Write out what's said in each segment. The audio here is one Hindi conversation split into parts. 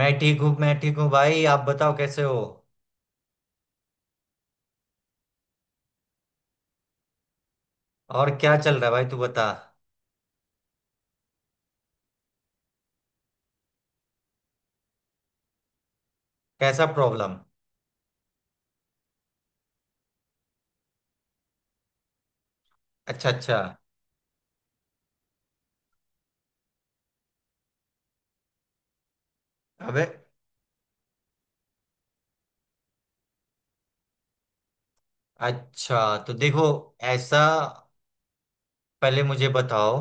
मैं ठीक हूँ भाई। आप बताओ कैसे हो। और क्या चल रहा है भाई, तू बता। कैसा प्रॉब्लम? अच्छा अच्छा। अबे, अच्छा तो देखो, ऐसा, पहले मुझे बताओ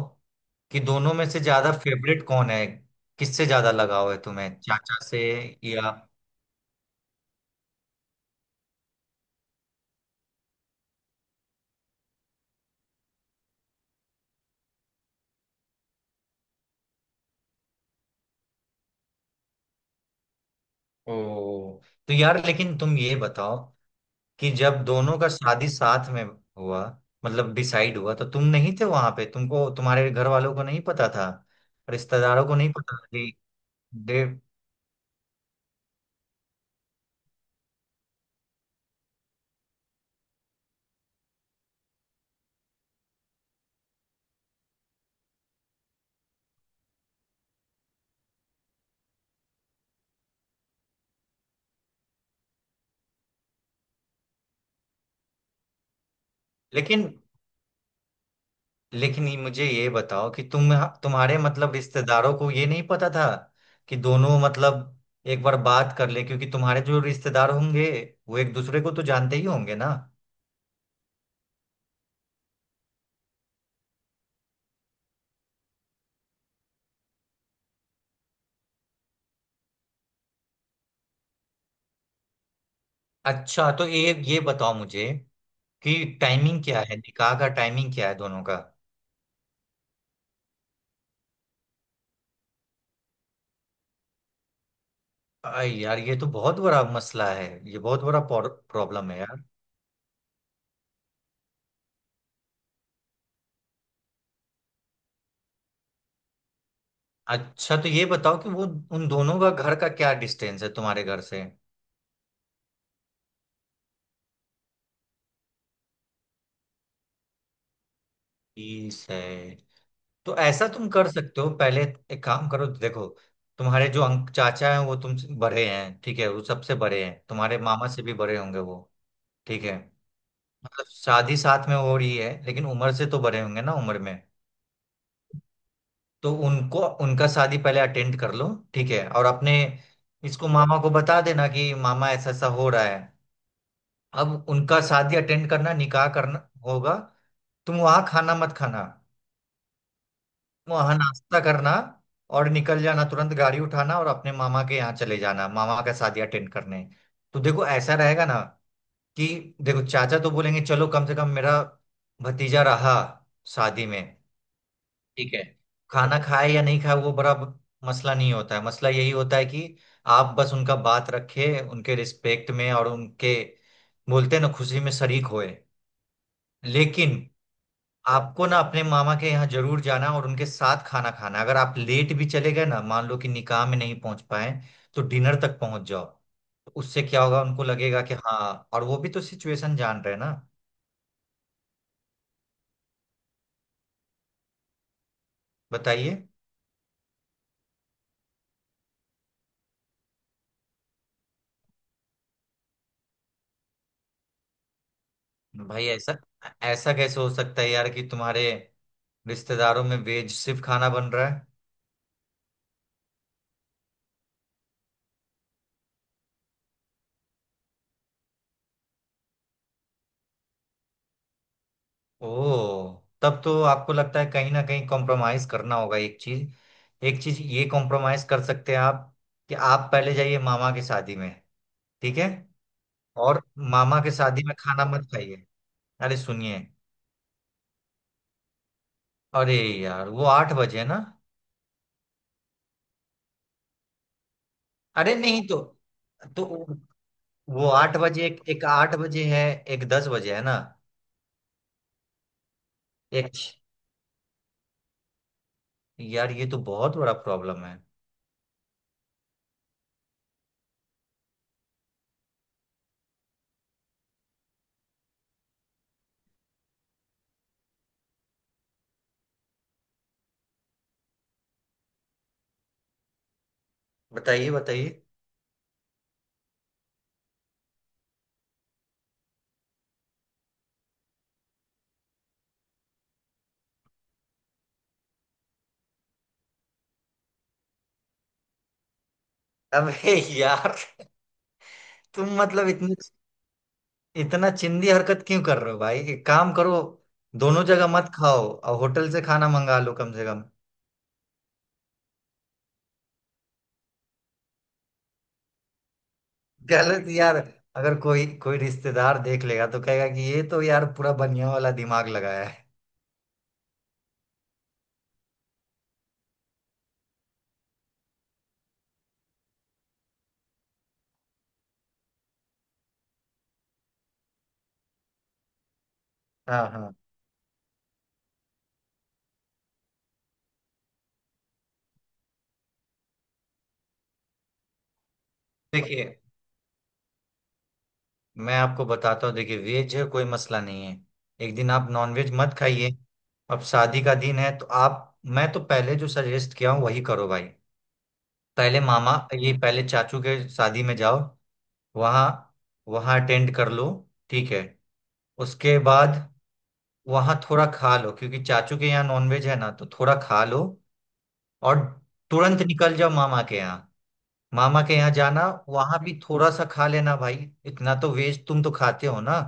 कि दोनों में से ज्यादा फेवरेट कौन है? किससे ज्यादा लगाव है तुम्हें, चाचा से या? ओ, तो यार लेकिन तुम ये बताओ कि जब दोनों का शादी साथ में हुआ, मतलब डिसाइड हुआ, तो तुम नहीं थे वहां पे? तुमको, तुम्हारे घर वालों को नहीं पता था? रिश्तेदारों को नहीं पता था? देव, लेकिन लेकिन मुझे ये बताओ कि तुम, तुम्हारे मतलब रिश्तेदारों को ये नहीं पता था कि दोनों मतलब एक बार बात कर ले? क्योंकि तुम्हारे जो रिश्तेदार होंगे, वो एक दूसरे को तो जानते ही होंगे ना। अच्छा तो ये बताओ मुझे कि टाइमिंग क्या है, निकाह का टाइमिंग क्या है दोनों का? अरे यार, ये तो बहुत बड़ा मसला है, ये बहुत बड़ा प्रॉब्लम है यार। अच्छा तो ये बताओ कि वो, उन दोनों का घर का क्या डिस्टेंस है तुम्हारे घर से? 30 है? तो ऐसा तुम कर सकते हो। पहले एक काम करो, देखो, तुम्हारे जो अंक चाचा हैं वो तुमसे बड़े हैं, ठीक है? वो सबसे बड़े हैं, तुम्हारे मामा से भी बड़े होंगे वो। ठीक है, मतलब शादी साथ में हो रही है लेकिन उम्र से तो बड़े होंगे ना उम्र में। तो उनको, उनका शादी पहले अटेंड कर लो, ठीक है? और अपने इसको, मामा को बता देना कि मामा ऐसा ऐसा हो रहा है। अब उनका शादी अटेंड करना, निकाह करना होगा। तुम वहां खाना मत खाना, वहां नाश्ता करना और निकल जाना, तुरंत गाड़ी उठाना और अपने मामा के यहाँ चले जाना, मामा का शादी अटेंड करने। तो देखो ऐसा रहेगा ना कि देखो, चाचा तो बोलेंगे चलो कम से कम मेरा भतीजा रहा शादी में, ठीक है? खाना खाए या नहीं खाए वो बड़ा मसला नहीं होता है। मसला यही होता है कि आप बस उनका बात रखे, उनके रिस्पेक्ट में, और उनके, बोलते हैं ना, खुशी में शरीक होए। लेकिन आपको ना अपने मामा के यहाँ जरूर जाना और उनके साथ खाना खाना। अगर आप लेट भी चले गए ना, मान लो कि निकाह में नहीं पहुंच पाए, तो डिनर तक पहुंच जाओ। तो उससे क्या होगा, उनको लगेगा कि हाँ, और वो भी तो सिचुएशन जान रहे हैं ना। बताइए। भाई, ऐसा ऐसा कैसे हो सकता है यार कि तुम्हारे रिश्तेदारों में वेज सिर्फ खाना बन रहा है? ओह, तब तो आपको लगता है कहीं ना कहीं कॉम्प्रोमाइज करना होगा। एक चीज, एक चीज ये कॉम्प्रोमाइज कर सकते हैं आप कि आप पहले जाइए मामा की शादी में, ठीक है? और मामा के शादी में खाना मत खाइए। अरे सुनिए, अरे यार वो 8 बजे है ना? अरे नहीं तो, तो वो 8 बजे, एक 8 बजे है, एक 10 बजे है ना। एक, यार ये तो बहुत बड़ा प्रॉब्लम है। बताइए बताइए। अबे यार, तुम मतलब इतनी इतना चिंदी हरकत क्यों कर रहे हो भाई? एक काम करो, दोनों जगह मत खाओ और होटल से खाना मंगा लो कम से कम। गलत यार, अगर कोई कोई रिश्तेदार देख लेगा तो कहेगा कि ये तो यार पूरा बनिया वाला दिमाग लगाया है। हाँ हाँ। देखिए, मैं आपको बताता हूँ। देखिए, वेज है कोई मसला नहीं है, एक दिन आप नॉनवेज मत खाइए। अब शादी का दिन है तो आप, मैं तो पहले जो सजेस्ट किया हूँ वही करो भाई। पहले मामा, ये पहले चाचू के शादी में जाओ, वहाँ वहाँ अटेंड कर लो, ठीक है? उसके बाद वहाँ थोड़ा खा लो क्योंकि चाचू के यहाँ नॉनवेज है ना, तो थोड़ा खा लो। और तुरंत निकल जाओ मामा के यहाँ, मामा के यहाँ जाना। वहां भी थोड़ा सा खा लेना भाई, इतना तो वेज तुम तो खाते हो ना।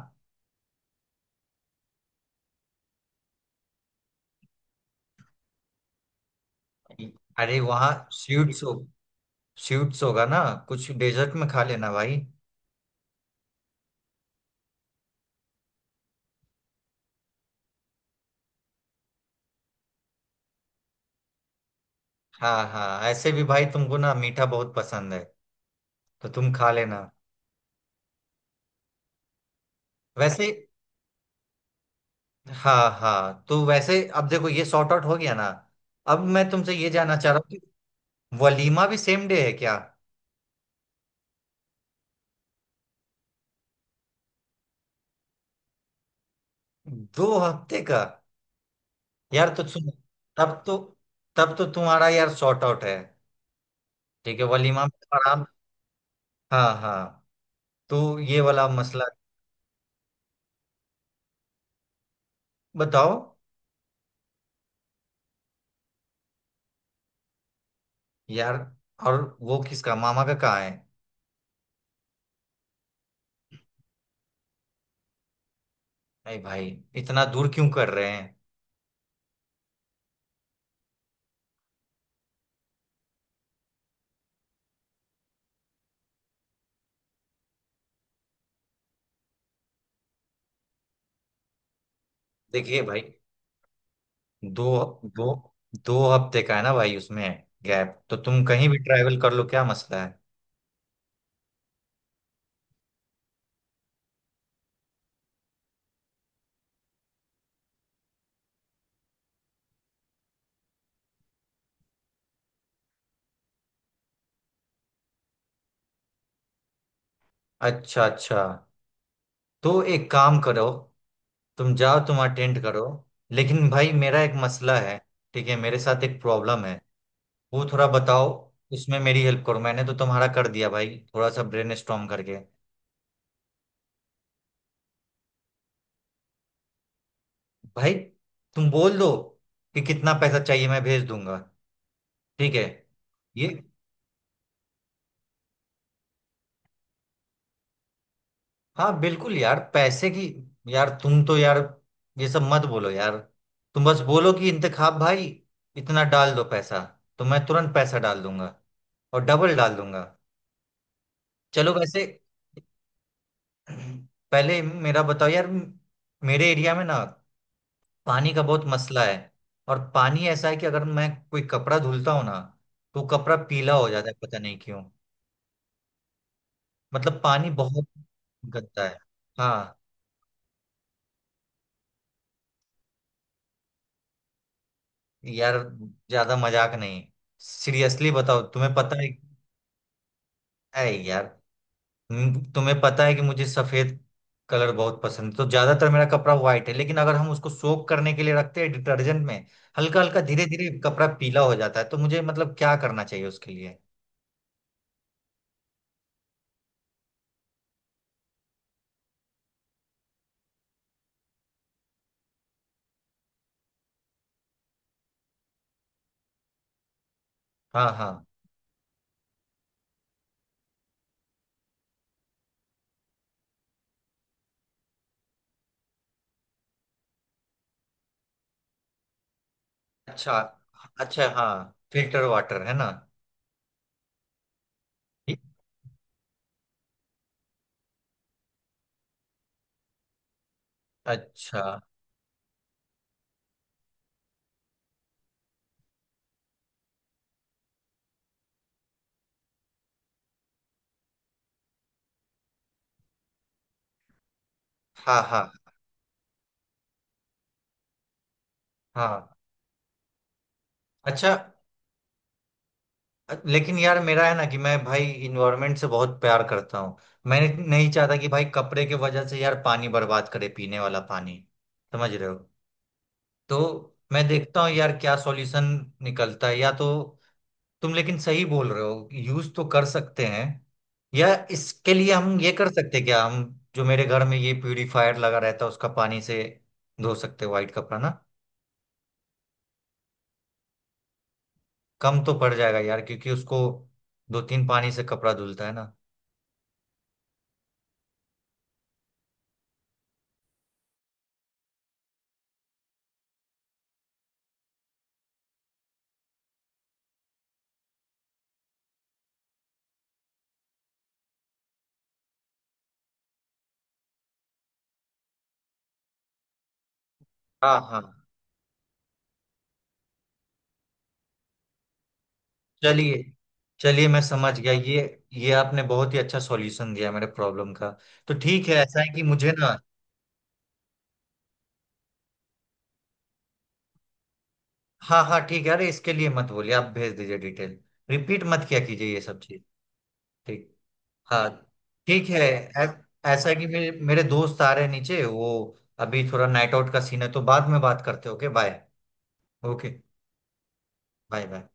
अरे वहाँ स्वीट्स होगा ना, कुछ डेजर्ट में खा लेना भाई। हाँ हाँ, ऐसे भी भाई तुमको ना मीठा बहुत पसंद है, तो तुम खा लेना। वैसे, हाँ हाँ, तो वैसे अब देखो ये सॉर्ट आउट हो गया ना। अब मैं तुमसे ये जानना चाह रहा हूँ कि वलीमा भी सेम डे है क्या? 2 हफ्ते का? यार तो सुन, तब तो तब तो तुम्हारा यार शॉर्ट आउट है। ठीक है, वलीमा में तो आराम। हाँ हाँ, तो ये वाला मसला। बताओ यार, और वो किसका, मामा का कहाँ है? अरे भाई, इतना दूर क्यों कर रहे हैं? देखिए भाई, दो दो 2 हफ्ते का है ना भाई, उसमें गैप, तो तुम कहीं भी ट्रैवल कर लो, क्या मसला है? अच्छा अच्छा, तो एक काम करो तुम जाओ, तुम अटेंड करो। लेकिन भाई मेरा एक मसला है, ठीक है? मेरे साथ एक प्रॉब्लम है, वो थोड़ा बताओ, इसमें मेरी हेल्प करो। मैंने तो तुम्हारा कर दिया भाई, थोड़ा सा ब्रेन स्टॉर्म करके। भाई, तुम बोल दो कि कितना पैसा चाहिए, मैं भेज दूंगा, ठीक है? ये, हाँ बिल्कुल यार, पैसे की, यार तुम तो यार, ये सब मत बोलो यार, तुम बस बोलो कि इंतखाब भाई इतना डाल दो पैसा, तो मैं तुरंत पैसा डाल दूंगा और डबल डाल दूंगा। चलो वैसे पहले मेरा बताओ यार। मेरे एरिया में ना पानी का बहुत मसला है, और पानी ऐसा है कि अगर मैं कोई कपड़ा धुलता हूँ ना, तो वो कपड़ा पीला हो जाता है, पता नहीं क्यों। मतलब पानी बहुत गंदा है। हाँ यार, ज्यादा मजाक नहीं, सीरियसली बताओ, तुम्हें पता है? ऐ यार, तुम्हें पता है कि मुझे सफेद कलर बहुत पसंद है, तो ज्यादातर मेरा कपड़ा व्हाइट है, लेकिन अगर हम उसको सोक करने के लिए रखते हैं डिटर्जेंट में, हल्का हल्का, धीरे धीरे कपड़ा पीला हो जाता है। तो मुझे मतलब क्या करना चाहिए उसके लिए? हाँ हाँ, अच्छा अच्छा, हाँ फिल्टर वाटर है ना? ठीक, अच्छा, हाँ हाँ हाँ, अच्छा। लेकिन यार मेरा है ना कि मैं भाई इन्वायरमेंट से बहुत प्यार करता हूँ, मैं नहीं चाहता कि भाई कपड़े के वजह से यार पानी बर्बाद करे, पीने वाला पानी, समझ रहे हो? तो मैं देखता हूँ यार क्या सॉल्यूशन निकलता है, या तो, तुम लेकिन सही बोल रहे हो, यूज तो कर सकते हैं, या इसके लिए हम ये कर सकते हैं क्या, हम जो मेरे घर में ये प्यूरिफायर लगा रहता है उसका पानी से धो सकते हैं व्हाइट कपड़ा ना? कम तो पड़ जाएगा यार, क्योंकि उसको दो तीन पानी से कपड़ा धुलता है ना। हाँ हाँ, चलिए चलिए। मैं समझ गया, ये आपने बहुत ही अच्छा सॉल्यूशन दिया मेरे प्रॉब्लम का। तो ठीक है, ऐसा है कि मुझे ना, हाँ हाँ ठीक है, अरे इसके लिए मत बोलिए, आप भेज दीजिए डिटेल, रिपीट मत किया कीजिए ये सब चीज। ठीक, हाँ, ठीक है। ऐसा है कि मेरे मेरे दोस्त आ रहे हैं नीचे, वो अभी थोड़ा नाइट आउट का सीन है, तो बाद में बात करते हैं। Okay bye. Okay bye bye.